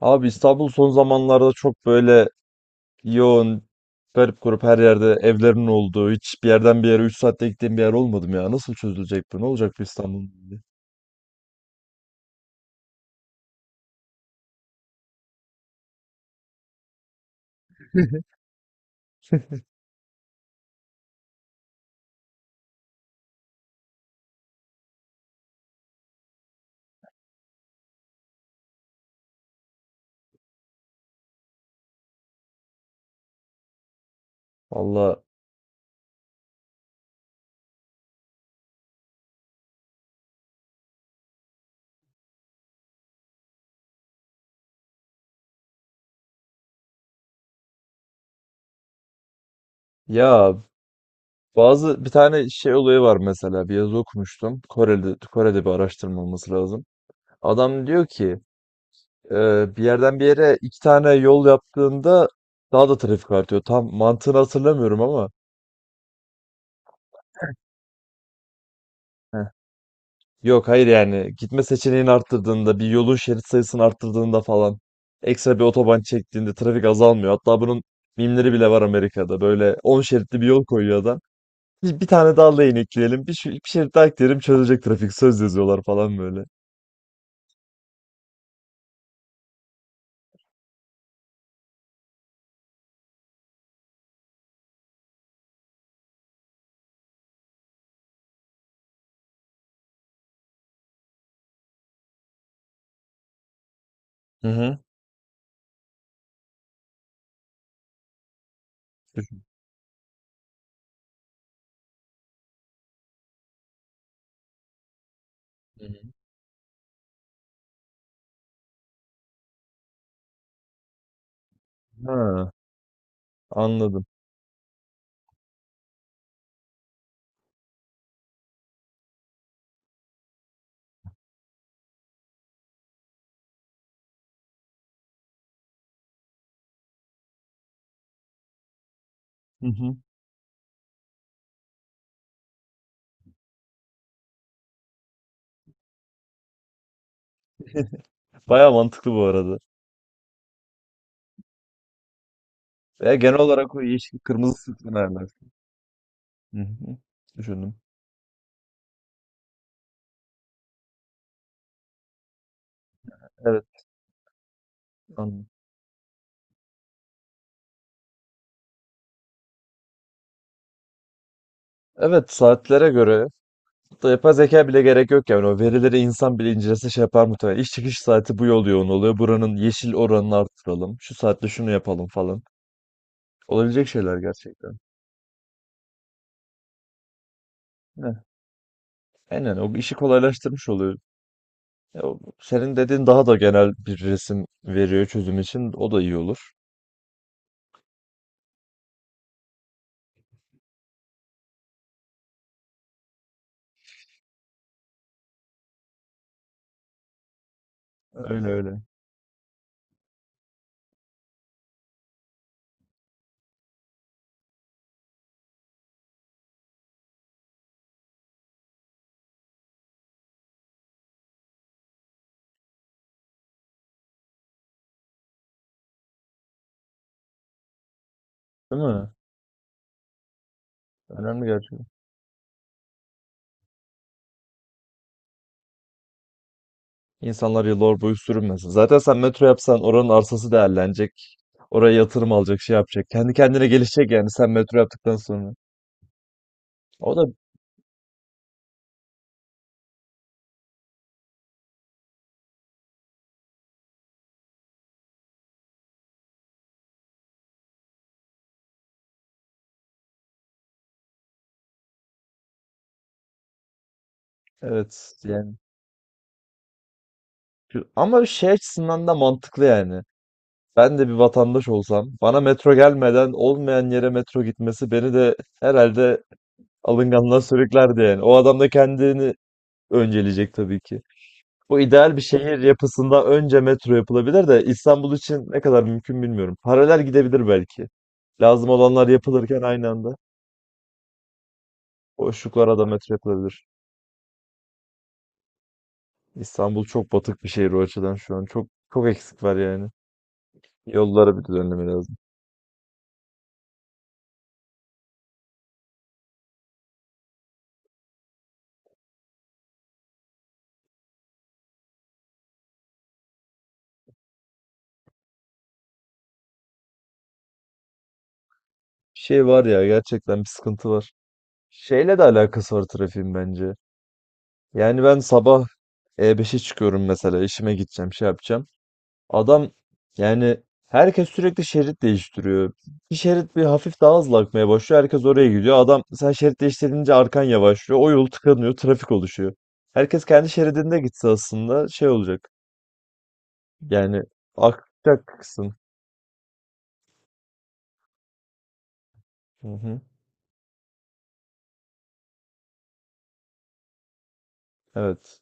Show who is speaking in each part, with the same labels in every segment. Speaker 1: Abi İstanbul son zamanlarda çok böyle yoğun, garip grup her yerde evlerin olduğu, hiç bir yerden bir yere 3 saatte gittiğim bir yer olmadım ya. Nasıl çözülecek bu? Ne olacak bu İstanbul'un hali? Valla ya bazı bir tane şey olayı var mesela bir yazı okumuştum. Kore'de bir araştırma olması lazım. Adam diyor ki e, bir yerden bir yere iki tane yol yaptığında daha da trafik artıyor. Tam mantığını hatırlamıyorum ama. Yok hayır yani gitme seçeneğini arttırdığında bir yolun şerit sayısını arttırdığında falan ekstra bir otoban çektiğinde trafik azalmıyor. Hatta bunun mimleri bile var Amerika'da. Böyle 10 şeritli bir yol koyuyor adam. Bir tane daha lane ekleyelim. Bir, bir şerit daha ekleyelim çözecek trafik. Söz yazıyorlar falan böyle. Hı hı. Hı hı. Ha, anladım. Hı hı. Bayağı mantıklı bu arada. Veya genel olarak o yeşil kırmızı sütun. Hı hı. Düşündüm. Evet, anladım. Evet, saatlere göre da yapay zeka bile gerek yok yani o verileri insan bile incelese şey yapar muhtemelen. İş çıkış saati bu yol yoğun oluyor. Buranın yeşil oranını arttıralım. Şu saatte şunu yapalım falan. Olabilecek şeyler gerçekten. Ne? Aynen o işi kolaylaştırmış oluyor. Ya, o- senin dediğin daha da genel bir resim veriyor çözüm için. O da iyi olur. Öyle öyle. Değil mi? Önemli gerçekten. İnsanlar yıllar boyu sürünmesin. Zaten sen metro yapsan oranın arsası değerlenecek. Oraya yatırım alacak, şey yapacak. Kendi kendine gelişecek yani sen metro yaptıktan sonra. O da evet yani ama şey açısından da mantıklı yani. Ben de bir vatandaş olsam bana metro gelmeden olmayan yere metro gitmesi beni de herhalde alınganlığa sürüklerdi yani. O adam da kendini önceleyecek tabii ki. Bu ideal bir şehir yapısında önce metro yapılabilir de İstanbul için ne kadar mümkün bilmiyorum. Paralel gidebilir belki. Lazım olanlar yapılırken aynı anda boşluklara da metro yapılabilir. İstanbul çok batık bir şehir o açıdan şu an. Çok çok eksik var yani. Yollara bir düzenleme lazım. Şey var ya gerçekten bir sıkıntı var. Şeyle de alakası var trafiğin bence. Yani ben sabah E5'e çıkıyorum mesela işime gideceğim şey yapacağım. Adam yani herkes sürekli şerit değiştiriyor. Bir şerit bir hafif daha hızlı akmaya başlıyor. Herkes oraya gidiyor. Adam sen şerit değiştirince arkan yavaşlıyor. O yol tıkanıyor. Trafik oluşuyor. Herkes kendi şeridinde gitse aslında şey olacak. Yani akacak kısım. Hı hı. Evet.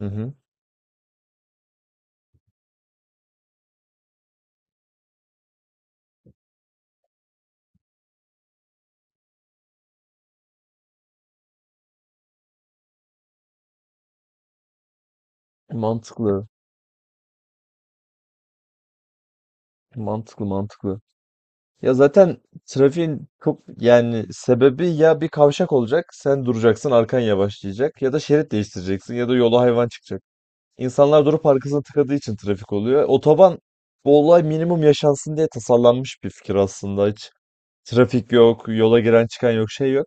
Speaker 1: Hı hı. Mantıklı. Mantıklı mantıklı. Ya zaten trafiğin çok yani sebebi ya bir kavşak olacak, sen duracaksın, arkan yavaşlayacak ya da şerit değiştireceksin ya da yola hayvan çıkacak. İnsanlar durup arkasına tıkadığı için trafik oluyor. Otoban bu olay minimum yaşansın diye tasarlanmış bir fikir aslında. Hiç trafik yok, yola giren çıkan yok, şey yok.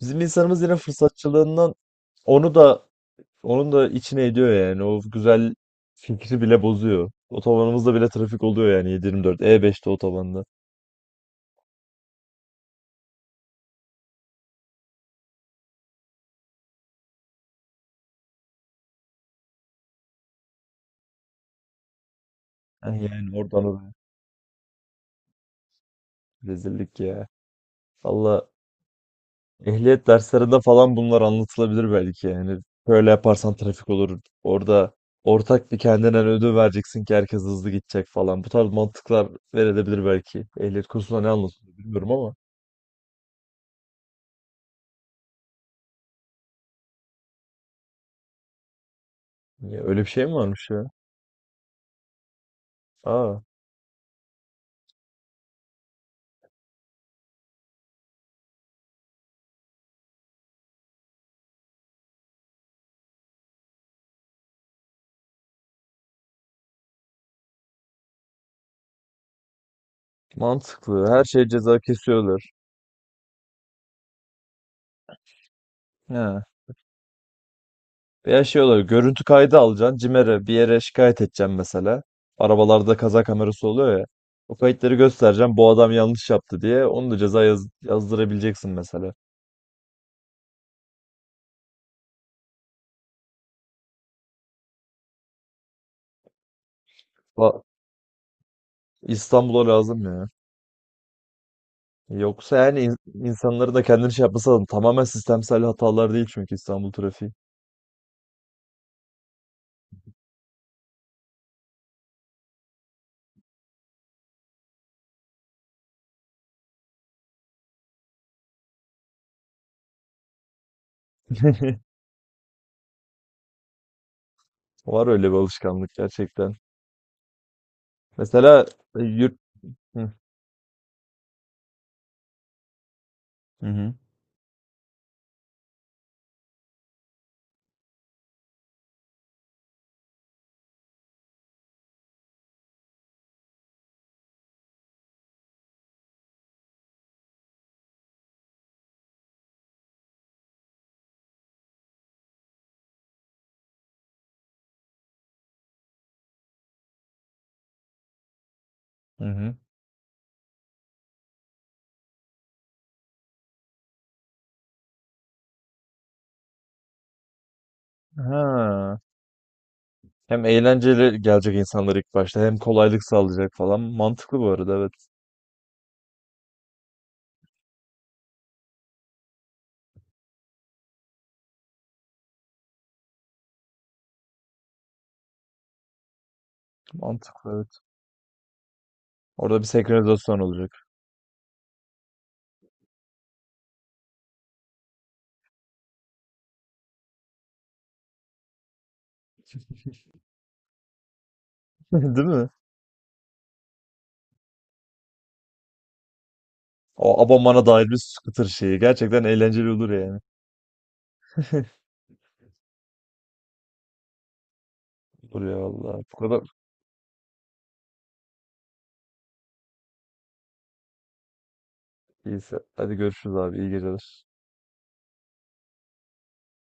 Speaker 1: Bizim insanımız yine fırsatçılığından onu da onun da içine ediyor yani. O güzel fikri bile bozuyor. Otobanımızda bile trafik oluyor yani 7 dört e beşte otobanda. Yani oradan rezillik ya. Valla ehliyet derslerinde falan bunlar anlatılabilir belki. Yani böyle yaparsan trafik olur. Orada ortak bir kendinden ödül vereceksin ki herkes hızlı gidecek falan. Bu tarz mantıklar verilebilir belki. Ehliyet kursunda ne anlatılıyor bilmiyorum ama. Ya öyle bir şey mi varmış ya? Aa, mantıklı. Her şey ceza kesiyorlar. He. Veya şey olur. Görüntü kaydı alacaksın. CİMER'e bir yere şikayet edeceksin mesela. Arabalarda kaza kamerası oluyor ya. O kayıtları göstereceğim. Bu adam yanlış yaptı diye. Onu da ceza yazdırabileceksin mesela. Va- İstanbul'a lazım ya. Yoksa yani insanları da kendini şey yapması lazım. Tamamen sistemsel hatalar değil çünkü İstanbul trafiği. Var öyle bir alışkanlık gerçekten. Mesela yurt... Hı hı hı. Hı. Hı. Ha. Hem eğlenceli gelecek insanlar ilk başta hem kolaylık sağlayacak falan. Mantıklı bu arada evet. Mantıklı evet. Orada bir senkronizasyon olacak. Değil mi? O abonmana dair bir scooter şeyi. Gerçekten eğlenceli olur yani. Olur ya valla. Bu kadar. İyiyse. Hadi görüşürüz abi. İyi geceler.